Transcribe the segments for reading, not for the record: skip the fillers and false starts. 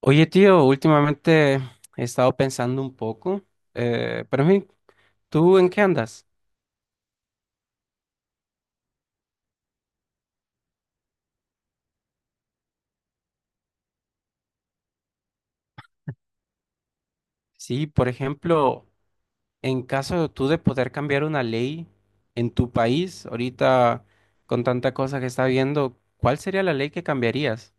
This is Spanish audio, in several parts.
Oye, tío, últimamente he estado pensando un poco, pero en fin, ¿tú en qué andas? Sí, por ejemplo, en caso de tú de poder cambiar una ley en tu país, ahorita con tanta cosa que está habiendo, ¿cuál sería la ley que cambiarías?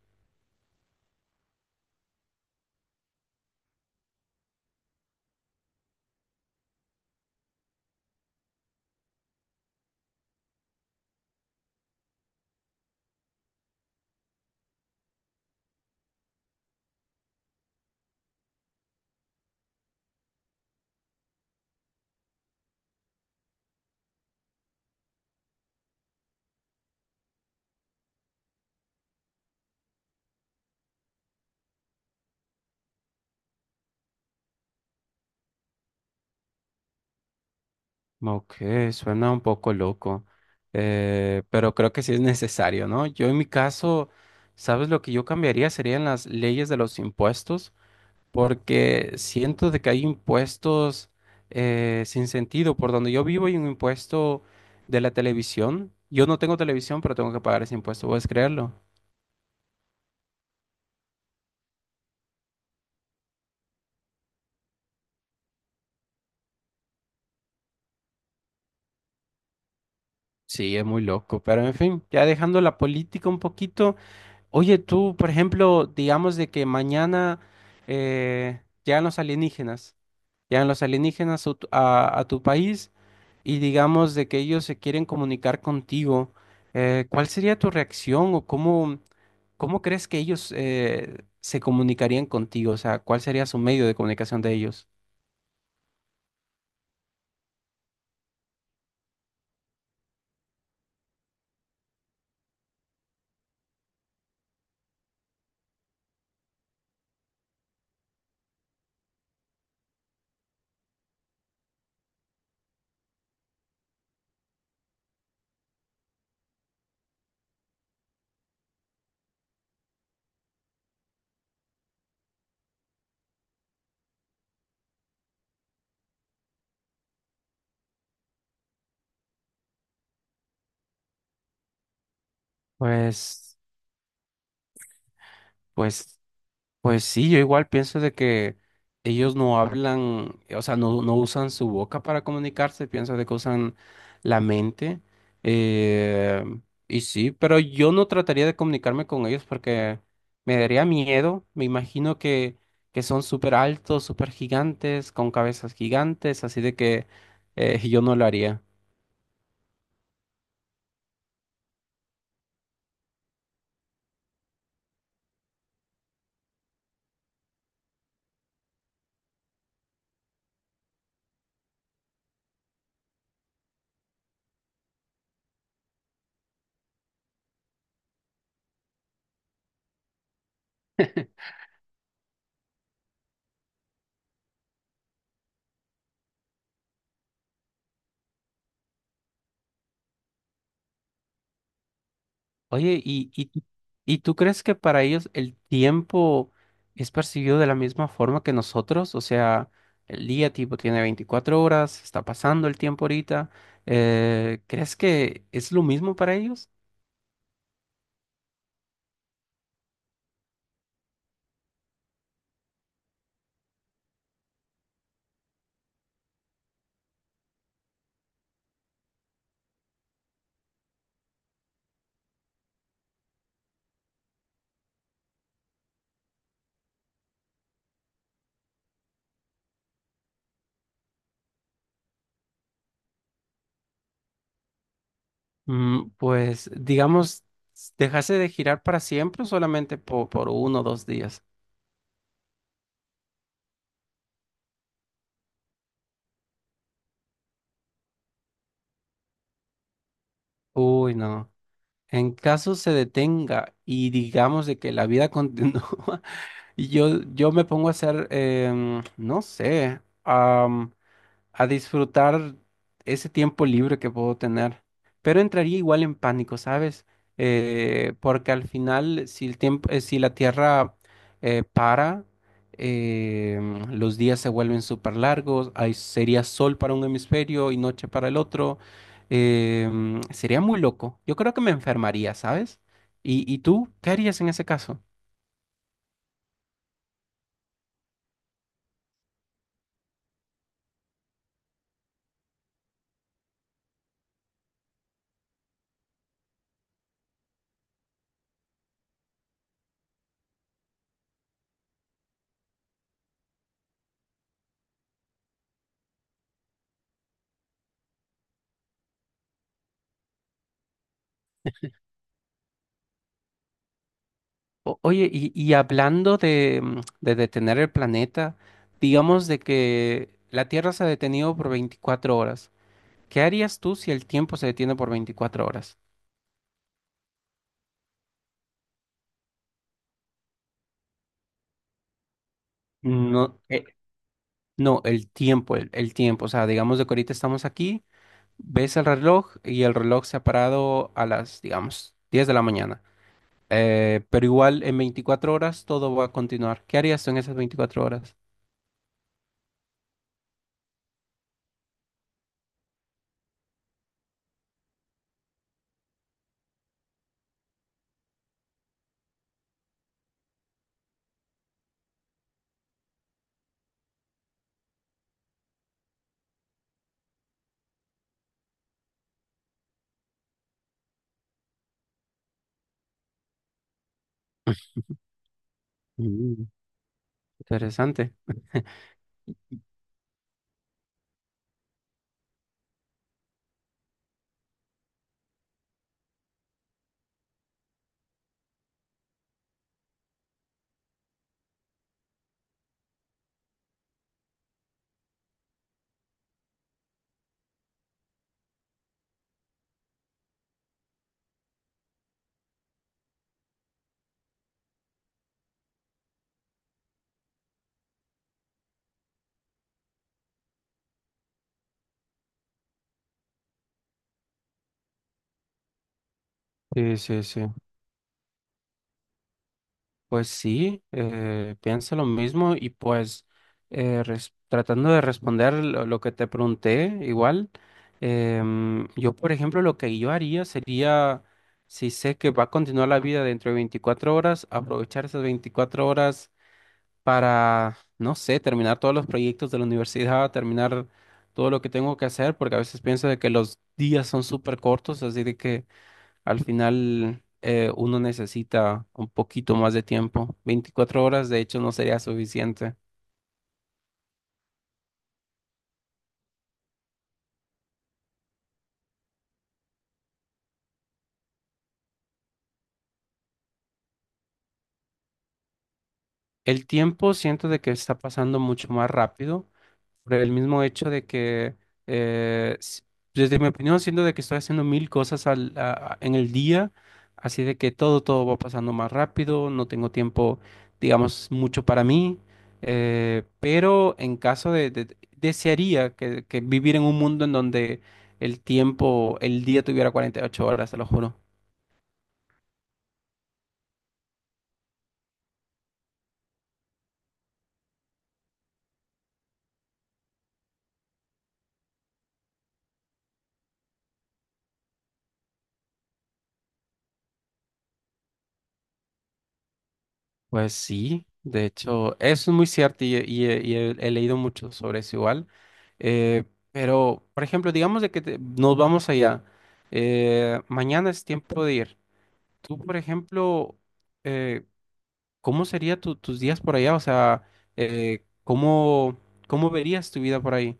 Ok, suena un poco loco, pero creo que sí es necesario, ¿no? Yo en mi caso, ¿sabes lo que yo cambiaría? Serían las leyes de los impuestos, porque siento de que hay impuestos sin sentido. Por donde yo vivo hay un impuesto de la televisión. Yo no tengo televisión, pero tengo que pagar ese impuesto, ¿puedes creerlo? Sí, es muy loco, pero en fin, ya dejando la política un poquito. Oye, tú, por ejemplo, digamos de que mañana eh, llegan los alienígenas, llegan los alienígenas a tu país. Y digamos de que ellos se quieren comunicar contigo, ¿cuál sería tu reacción o cómo crees que ellos se comunicarían contigo? O sea, ¿cuál sería su medio de comunicación de ellos? Pues, pues Pues sí, yo igual pienso de que ellos no hablan, o sea, no, no usan su boca para comunicarse, pienso de que usan la mente. eh, y sí, pero yo no trataría de comunicarme con ellos porque me daría miedo. Me imagino que son súper altos, súper gigantes, con cabezas gigantes, así de que yo no lo haría. Oye, ¿y tú crees que para ellos el tiempo es percibido de la misma forma que nosotros? O sea, el día tipo tiene 24 horas, está pasando el tiempo ahorita. ¿Crees que es lo mismo para ellos? Pues, digamos, dejarse de girar para siempre o solamente por 1 o 2 días. Uy, no. En caso se detenga y digamos de que la vida continúa, yo me pongo a hacer, no sé. A disfrutar ese tiempo libre que puedo tener. Pero entraría igual en pánico, ¿sabes? Porque al final, si el tiempo, si la Tierra para, eh, los días se vuelven súper largos, hay, sería sol para un hemisferio y noche para el otro. Sería muy loco. Yo creo que me enfermaría, ¿sabes? ¿Y tú qué harías en ese caso? Oye, y hablando de, de detener el planeta, digamos de que la Tierra se ha detenido por 24 horas. ¿Qué harías tú si el tiempo se detiene por 24 horas? No, no, el tiempo, el tiempo. O sea, digamos de que ahorita estamos aquí, ves el reloj y el reloj se ha parado a las, digamos, 10 de la mañana. Pero igual en 24 horas todo va a continuar. ¿Qué harías tú en esas 24 horas? Mm, Interesante. Sí, sí, sí. Pues sí, pienso lo mismo y pues tratando de responder lo que te pregunté, igual, yo por ejemplo lo que yo haría sería, si sé que va a continuar la vida dentro de 24 horas, aprovechar esas 24 horas para, no sé, terminar todos los proyectos de la universidad, terminar todo lo que tengo que hacer, porque a veces pienso de que los días son súper cortos, así de que al final, uno necesita un poquito más de tiempo. 24 horas, de hecho, no sería suficiente. El tiempo siento de que está pasando mucho más rápido, por el mismo hecho de que, eh, s- desde mi opinión, siento de que estoy haciendo mil cosas en el día, así de que todo va pasando más rápido, no tengo tiempo, digamos, mucho para mí, pero en caso de, desearía que vivir en un mundo en donde el tiempo, el día tuviera 48 horas, te lo juro. Pues sí, de hecho, eso es muy cierto y he leído mucho sobre eso igual. Eh, pero, por ejemplo, digamos de que nos vamos allá. Mañana es tiempo de ir. Tú, por ejemplo, eh, ¿cómo serían tus días por allá? O sea, eh, ¿cómo, cómo verías tu vida por ahí?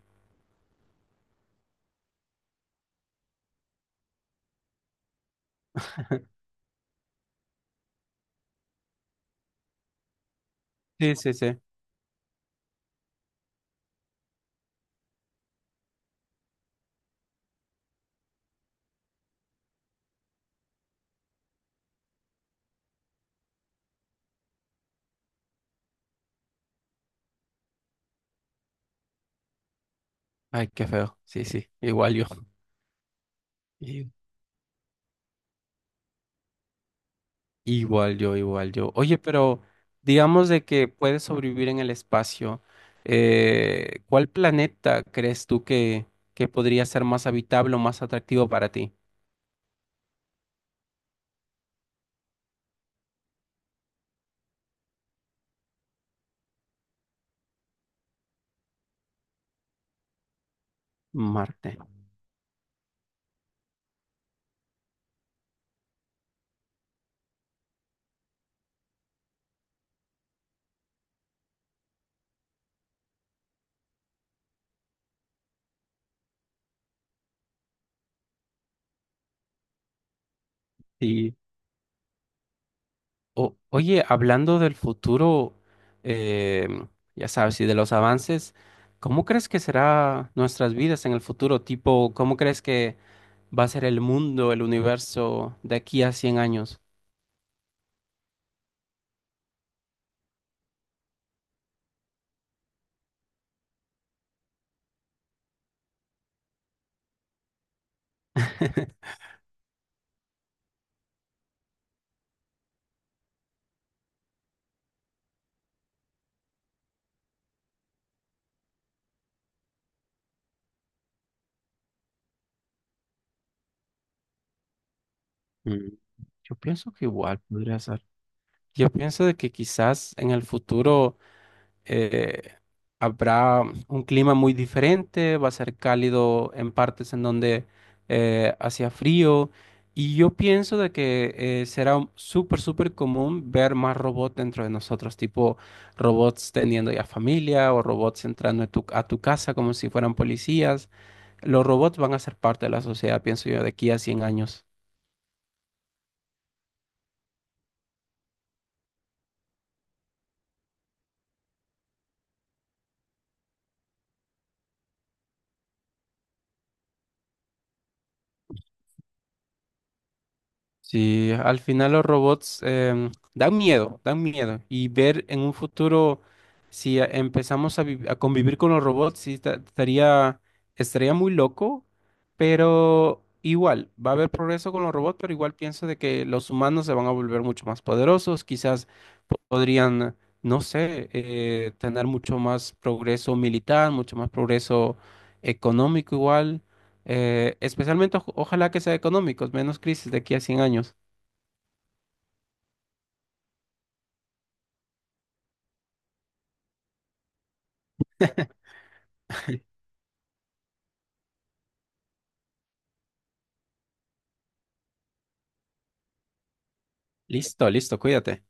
Sí, sí, sí. Ay, qué feo. Sí, sí, igual yo. Igual yo, igual yo. Oye, pero digamos de que puedes sobrevivir en el espacio. ¿Cuál planeta crees tú que podría ser más habitable o más atractivo para ti? Marte. Sí. Oye, hablando del futuro, eh, ya sabes, y de los avances, ¿cómo crees que será nuestras vidas en el futuro? Tipo, ¿cómo crees que va a ser el mundo, el universo de aquí a 100 años? Mm, Yo pienso que igual podrías Yo pienso de que quizás en el futuro eh, habrá un clima muy diferente, va a ser cálido en partes en donde hacía frío y yo pienso de que será súper, súper común ver más robots dentro de nosotros, tipo robots teniendo ya familia o robots entrando a a tu casa como si fueran policías. Los robots van a ser parte de la sociedad, pienso yo, de aquí a 100 años. Sí, al final los robots dan miedo, dan miedo. Y ver en un futuro si empezamos a convivir con los robots, sí, estaría muy loco, pero igual, va a haber progreso con los robots, pero igual pienso de que los humanos se van a volver mucho más poderosos, quizás podrían, no sé, tener mucho más progreso militar, mucho más progreso económico igual. Especialmente, ojalá que sea económicos, menos crisis de aquí a 100 años. Listo, listo, cuídate.